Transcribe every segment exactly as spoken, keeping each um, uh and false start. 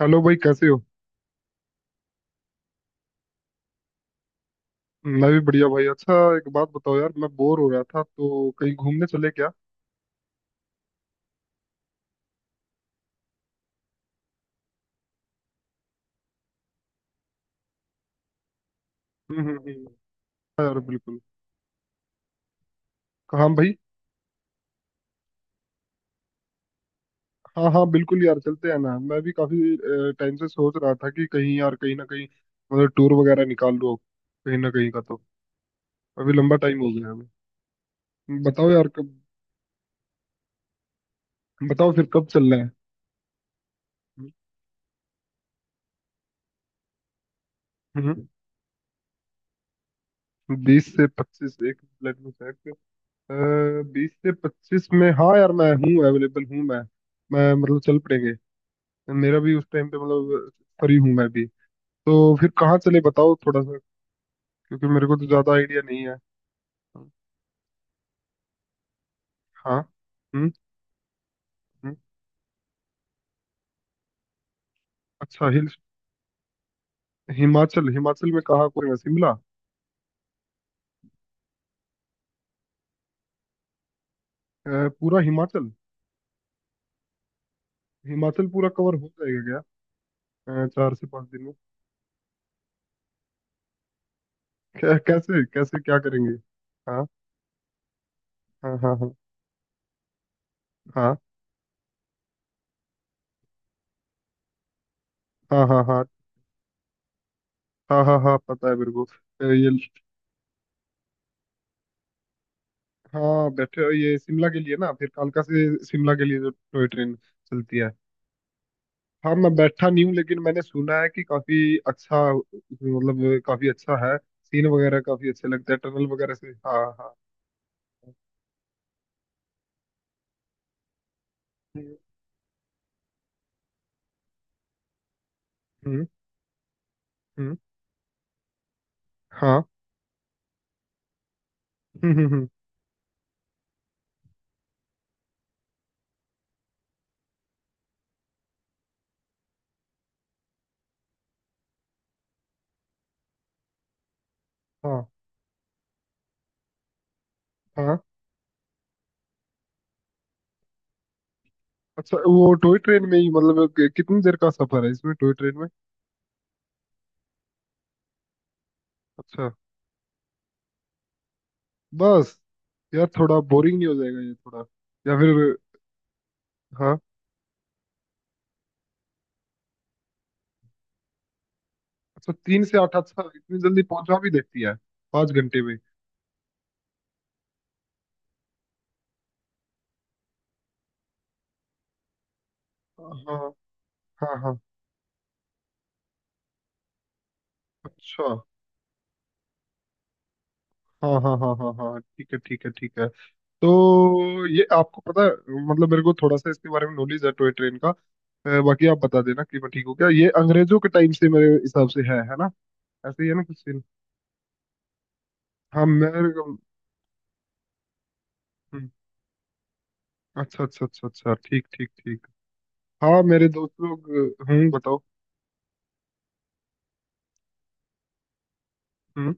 Hello भाई, कैसे हो। मैं भी बढ़िया भाई। अच्छा, एक बात बताओ यार, मैं बोर हो रहा था तो कहीं घूमने चले क्या। हम्म हम्म हम्म। हाँ यार, बिल्कुल। हाँ भाई। हाँ, हाँ, बिल्कुल यार, चलते हैं ना। मैं भी काफी टाइम से सोच रहा था कि कहीं यार, कहीं ना कहीं मतलब टूर वगैरह निकाल लो कहीं ना कहीं का तो। अभी लंबा टाइम हो गया है हमें। बताओ यार कब। बताओ फिर कब चलना है। हम्म। बीस से पच्चीस एक मिनट में check। बीस से पच्चीस में हाँ यार, मैं हूँ, अवेलेबल हूँ मैं मैं मतलब चल पड़ेंगे। मेरा भी उस टाइम पे मतलब फ्री हूँ मैं भी। तो फिर कहाँ चले बताओ थोड़ा सा, क्योंकि मेरे को तो ज्यादा आइडिया नहीं है। हाँ। हम्म हम्म, अच्छा हिल हिमाचल। हिमाचल में कहाँ को, शिमला। अ, पूरा हिमाचल। हिमाचल पूरा कवर हो जाएगा क्या अ, चार से पाँच दिन में। कै- कैसे कैसे क्या करेंगे। हाँ हाँ, हाँ, हाँ, हाँ, हाँ, हाँ, हाँ, हाँ, हाँ, हाँ पता है मेरे को अ, ये। हाँ बैठे, ये शिमला के लिए ना, फिर कालका से शिमला के लिए जो टॉय ट्रेन चलती है। हाँ मैं बैठा नहीं हूँ, लेकिन मैंने सुना है कि काफी अच्छा, मतलब काफी अच्छा है। सीन वगैरह काफी अच्छे लगते हैं, टनल वगैरह से। हाँ हाँ। हम्म हम्म हाँ हम्म हम्म हम्म, हाँ हाँ। अच्छा, वो टॉय ट्रेन में ही मतलब कि- कितनी देर का सफर है इसमें, टॉय ट्रेन में। अच्छा। बस। यार थोड़ा बोरिंग नहीं हो जाएगा ये थोड़ा, या फिर। हाँ। अच्छा, तीन से आठ। अच्छा, इतनी जल्दी पहुंचा भी देती है। पाँच घंटे में। हाँ, हाँ, हाँ। अच्छा, हाँ, हाँ, हाँ, हाँ, हाँ, ठीक है, ठीक है, ठीक है। तो ये आपको पता है, मतलब मेरे को थोड़ा सा इसके बारे में नॉलेज है टॉय ट्रेन का। अ, बाकी आप बता देना कि मैं ठीक हूँ क्या। ये अंग्रेजों के टाइम से मेरे हिसाब से है है ना, ऐसे ही है ना, कुछ सीन। हाँ मेरे को- हम्म, अच्छा अच्छा अच्छा अच्छा, ठीक ठीक ठीक। हाँ, मेरे दोस्त लोग। अ, हम्म, बताओ। हम्म।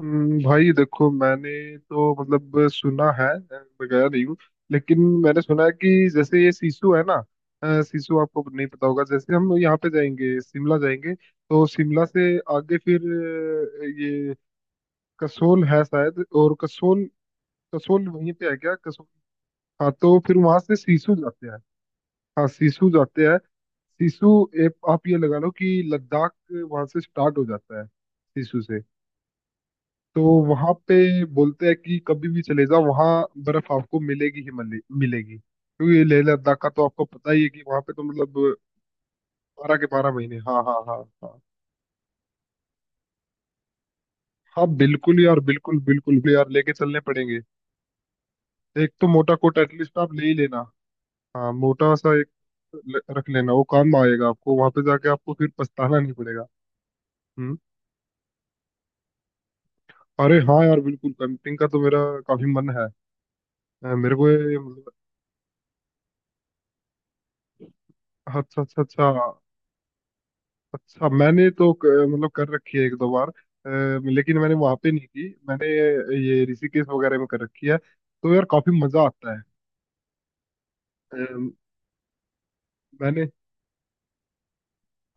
हम्म, भाई देखो मैंने तो मतलब सुना है। अ, मैं गया नहीं हूँ, लेकिन मैंने सुना है कि जैसे ये सिसु है ना। अ, सिसु आपको नहीं पता होगा। जैसे हम यहाँ पे जाएंगे, शिमला जाएंगे, तो शिमला से आगे फिर अ, ये कसोल है शायद और कसोल, कसोल वहीं पे है क्या, कसोल। हाँ तो फिर वहां से सिसु जाते हैं। हाँ, सिसु जाते हैं। सिसु। एक आप ये लगा लो कि लद्दाख वहां से स्टार्ट हो जाता है, सिसु से। तो वहां पे बोलते हैं कि कभी भी चले जाओ वहां, बर्फ आपको मिलेगी ही मिले, मिलेगी, क्योंकि लेह लद्दाख का तो आपको पता ही है कि वहां पे तो मतलब बारह के बारह महीने। हाँ, हाँ, हाँ, हाँ। हाँ बिल्कुल यार, बिल्कुल, बिल्कुल भी यार लेके चलने पड़ेंगे। एक तो मोटा कोट एटलीस्ट आप ले ही लेना। हाँ, मोटा सा एक ल- रख लेना, वो काम आएगा आपको। वहां पे जाके आपको फिर पछताना नहीं पड़ेगा। हम्म। अरे हाँ यार, बिल्कुल। कैंपिंग का तो मेरा काफी मन है। अ, मेरे को ये मतलब। अच्छा अच्छा अच्छा। अच्छा, मैंने तो क- मतलब कर रखी है एक दो बार। अ, लेकिन मैंने वहां पे नहीं की। मैंने ये ऋषिकेश वगैरह में कर रखी है, तो यार काफी मजा आता है। अम, मैंने।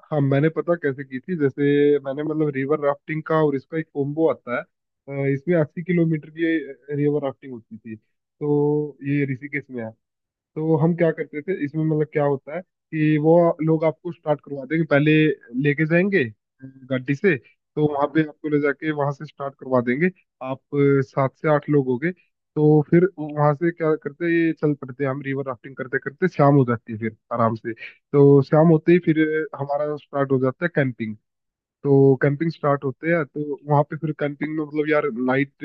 हाँ मैंने, पता कैसे की थी। जैसे मैंने मतलब रिवर राफ्टिंग का और इसका एक कॉम्बो आता है। अ, इसमें अस्सी किलोमीटर की रिवर राफ्टिंग होती थी। तो ये ऋषिकेश में है। तो हम क्या करते थे इसमें, मतलब क्या होता है कि वो लोग आपको स्टार्ट करवा देंगे पहले, लेके जाएंगे अ, गाड़ी से। तो वहां पे आपको ले जाके वहां से स्टार्ट करवा देंगे। आप अ, सात से आठ लोग हो गए, तो फिर वहां से क्या करते हैं, ये चल पड़ते हैं। हम रिवर राफ्टिंग करते करते शाम हो जाती है। फिर आराम से, तो शाम होते ही फिर हमारा स्टार्ट हो जाता है कैंपिंग। तो कैंपिंग स्टार्ट होते हैं तो वहां पे फिर कैंपिंग में, मतलब यार नाइट,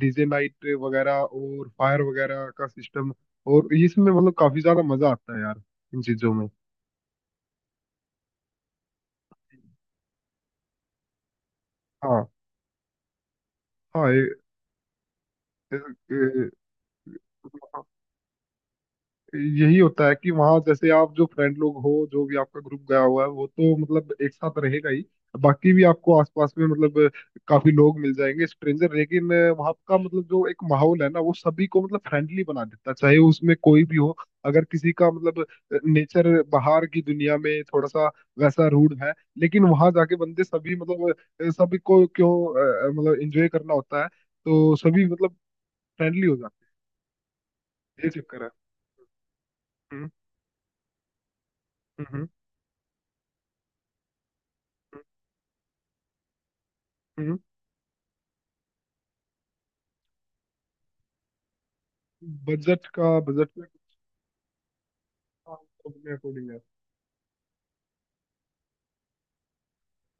डीजे नाइट वगैरह और फायर वगैरह का सिस्टम। और इसमें मतलब काफी ज्यादा मजा आता है यार इन चीजों में। हाँ हाँ ये- ये- ये- हाँ। यही होता है कि वहां, जैसे आप जो फ्रेंड लोग हो, जो भी आपका ग्रुप गया हुआ है वो तो मतलब एक साथ रहेगा ही, बाकी भी आपको आसपास में मतलब काफी लोग मिल जाएंगे, स्ट्रेंजर, लेकिन वहां का मतलब जो एक माहौल है ना वो सभी को मतलब फ्रेंडली बना देता है, चाहे उसमें कोई भी हो। अगर किसी का मतलब नेचर बाहर की दुनिया में थोड़ा सा वैसा रूड है, लेकिन वहां जाके बंदे सभी, मतलब अ, सभी को क्यों अ, मतलब एंजॉय करना होता है, तो सभी मतलब फ्रेंडली हो जाते हैं, ये चक्कर है। हम्म हम्म हम्म हम्म। बजट का, बजट में कितना अपने अकॉर्डिंग है।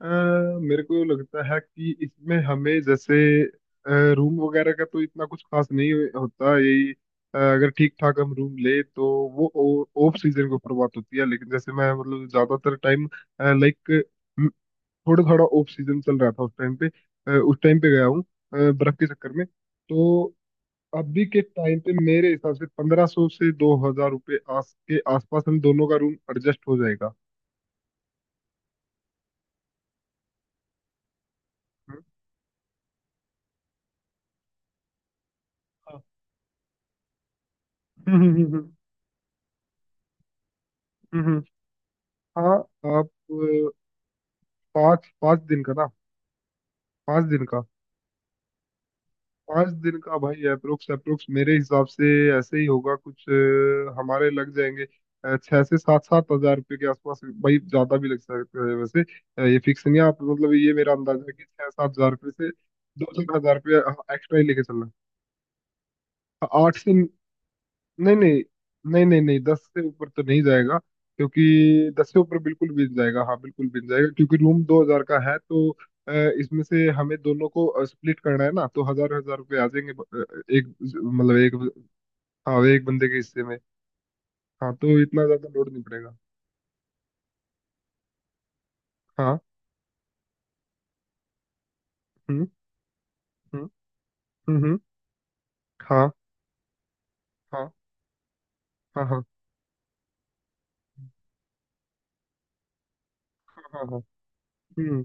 अ, मेरे को लगता है कि इसमें हमें जैसे रूम वगैरह का तो इतना कुछ खास नहीं होता यही। अ, अगर ठीक ठाक हम रूम ले, तो वो ऑफ सीजन के ऊपर बात होती है। लेकिन जैसे मैं मतलब ज्यादातर टाइम लाइक थोड़ा थोड़ा ऑफ सीजन चल रहा था उस टाइम पे, अ, उस टाइम पे गया हूँ अ, बर्फ के चक्कर में। तो अभी के टाइम पे मेरे हिसाब से पंद्रह सौ से दो हजार रुपये आस के आसपास हम दोनों का रूम एडजस्ट हो जाएगा। हम्म, हाँ, हम्म, हम्म, हम्म, हम्म, हम्म, हाँ। आप अ, पाँच पाँच दिन का ना। पाँच दिन का। पाँच दिन का भाई, अप्रोक्स अप्रोक्स मेरे हिसाब से ऐसे ही होगा कुछ। अ, हमारे लग जाएंगे अ, छह से सात, सात हजार रुपये के आसपास भाई। ज्यादा भी लग सकते हैं वैसे। अ, ये फिक्स नहीं है। आप मतलब ये मेरा अंदाजा है कि छह सात हजार रुपये से दो चार हजार रुपये एक्स्ट्रा ही लेके चलना। हाँ, आठ से, नहीं, नहीं, नहीं, नहीं, नहीं, दस से ऊपर तो नहीं जाएगा, क्योंकि दस से ऊपर बिल्कुल बिन जाएगा। हाँ, बिल्कुल बिन जाएगा, क्योंकि रूम दो हजार का है तो अ, इसमें से हमें दोनों को स्प्लिट करना है ना, तो हजार हजार रुपये आ जाएंगे ब- अ, एक मतलब एक। हाँ, एक बंदे के हिस्से में। हाँ, तो इतना ज्यादा लोड नहीं पड़ेगा। हाँ, हम्म हम्म हम्म हम्म, हाँ, हाँ, हाँ, हाँ, हाँ, हाँ, हाँ, हम्म,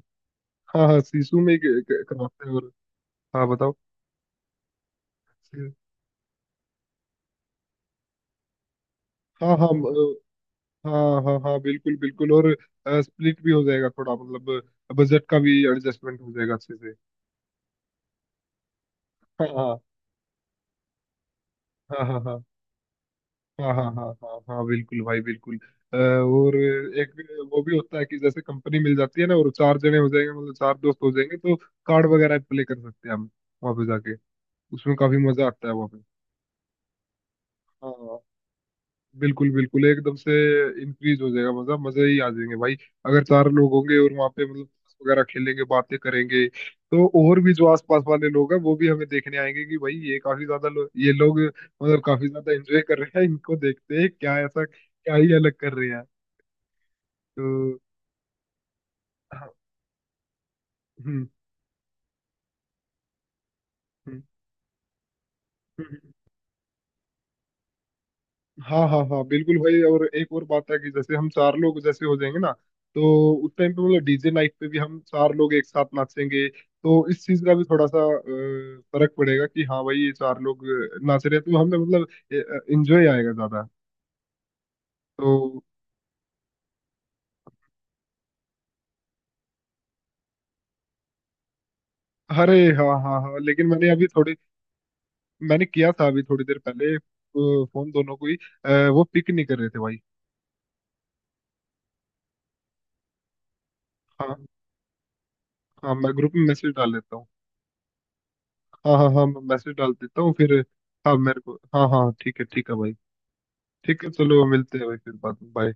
हाँ, हाँ, शीशु में ही क- क- करवाते हैं और। हाँ, बताओ। हाँ, हाँ, हाँ, हाँ, हाँ, बिल्कुल, बिल्कुल और स्प्लिट भी हो जाएगा थोड़ा मतलब, बजट का भी एडजस्टमेंट हो जाएगा अच्छे से। हाँ, हाँ, हाँ, हाँ, हाँ, हाँ, हाँ, हाँ, हाँ बिल्कुल भाई, बिल्कुल। अ, और एक वो भी होता है कि जैसे कंपनी मिल जाती है ना और चार जने हो जाएंगे, मतलब चार दोस्त हो जाएंगे, तो कार्ड वगैरह प्ले कर सकते हैं हम वहाँ पे जाके। उसमें काफी मजा आता है वहाँ पे। हाँ बिल्कुल, बिल्कुल एकदम से इंक्रीज हो जाएगा मजा, मजे ही आ जाएंगे भाई अगर चार लोग होंगे। और वहां पे मतलब ताश वगैरह खेलेंगे, बातें करेंगे, तो और भी जो आसपास वाले लोग हैं वो भी हमें देखने आएंगे कि भाई ये काफी ज्यादा लो, ये लोग मतलब काफी ज्यादा एंजॉय कर रहे हैं, इनको देखते हैं क्या, ऐसा क्या ही अलग कर रहे हैं। तो। हाँ, हम्म हम्म, हम्म, हम्म। हाँ, हाँ, हाँ बिल्कुल भाई, और एक और बात है कि जैसे हम चार लोग जैसे हो जाएंगे ना, तो उस टाइम पे मतलब डीजे नाइट पे भी हम चार लोग एक साथ नाचेंगे, तो इस चीज का भी थोड़ा सा अ, फर्क पड़ेगा कि हाँ भाई, ये चार लोग अ, नाच रहे हैं, तो हमें मतलब इंजॉय आएगा ज्यादा। तो। अरे, हाँ, हाँ, हाँ, लेकिन मैंने अभी थोड़ी, मैंने किया था अभी थोड़ी देर पहले फोन दोनों को ही। अ, वो पिक नहीं कर रहे थे भाई। हाँ। हाँ, मैं ग्रुप में मैसेज डाल देता हूँ। हाँ, हाँ, हाँ मैं मैसेज डाल देता हूँ फिर। हाँ, मेरे को, हाँ, हाँ, ठीक है, ठीक है भाई। ठीक है, चलो मिलते हैं भाई फिर बाद में, बाय।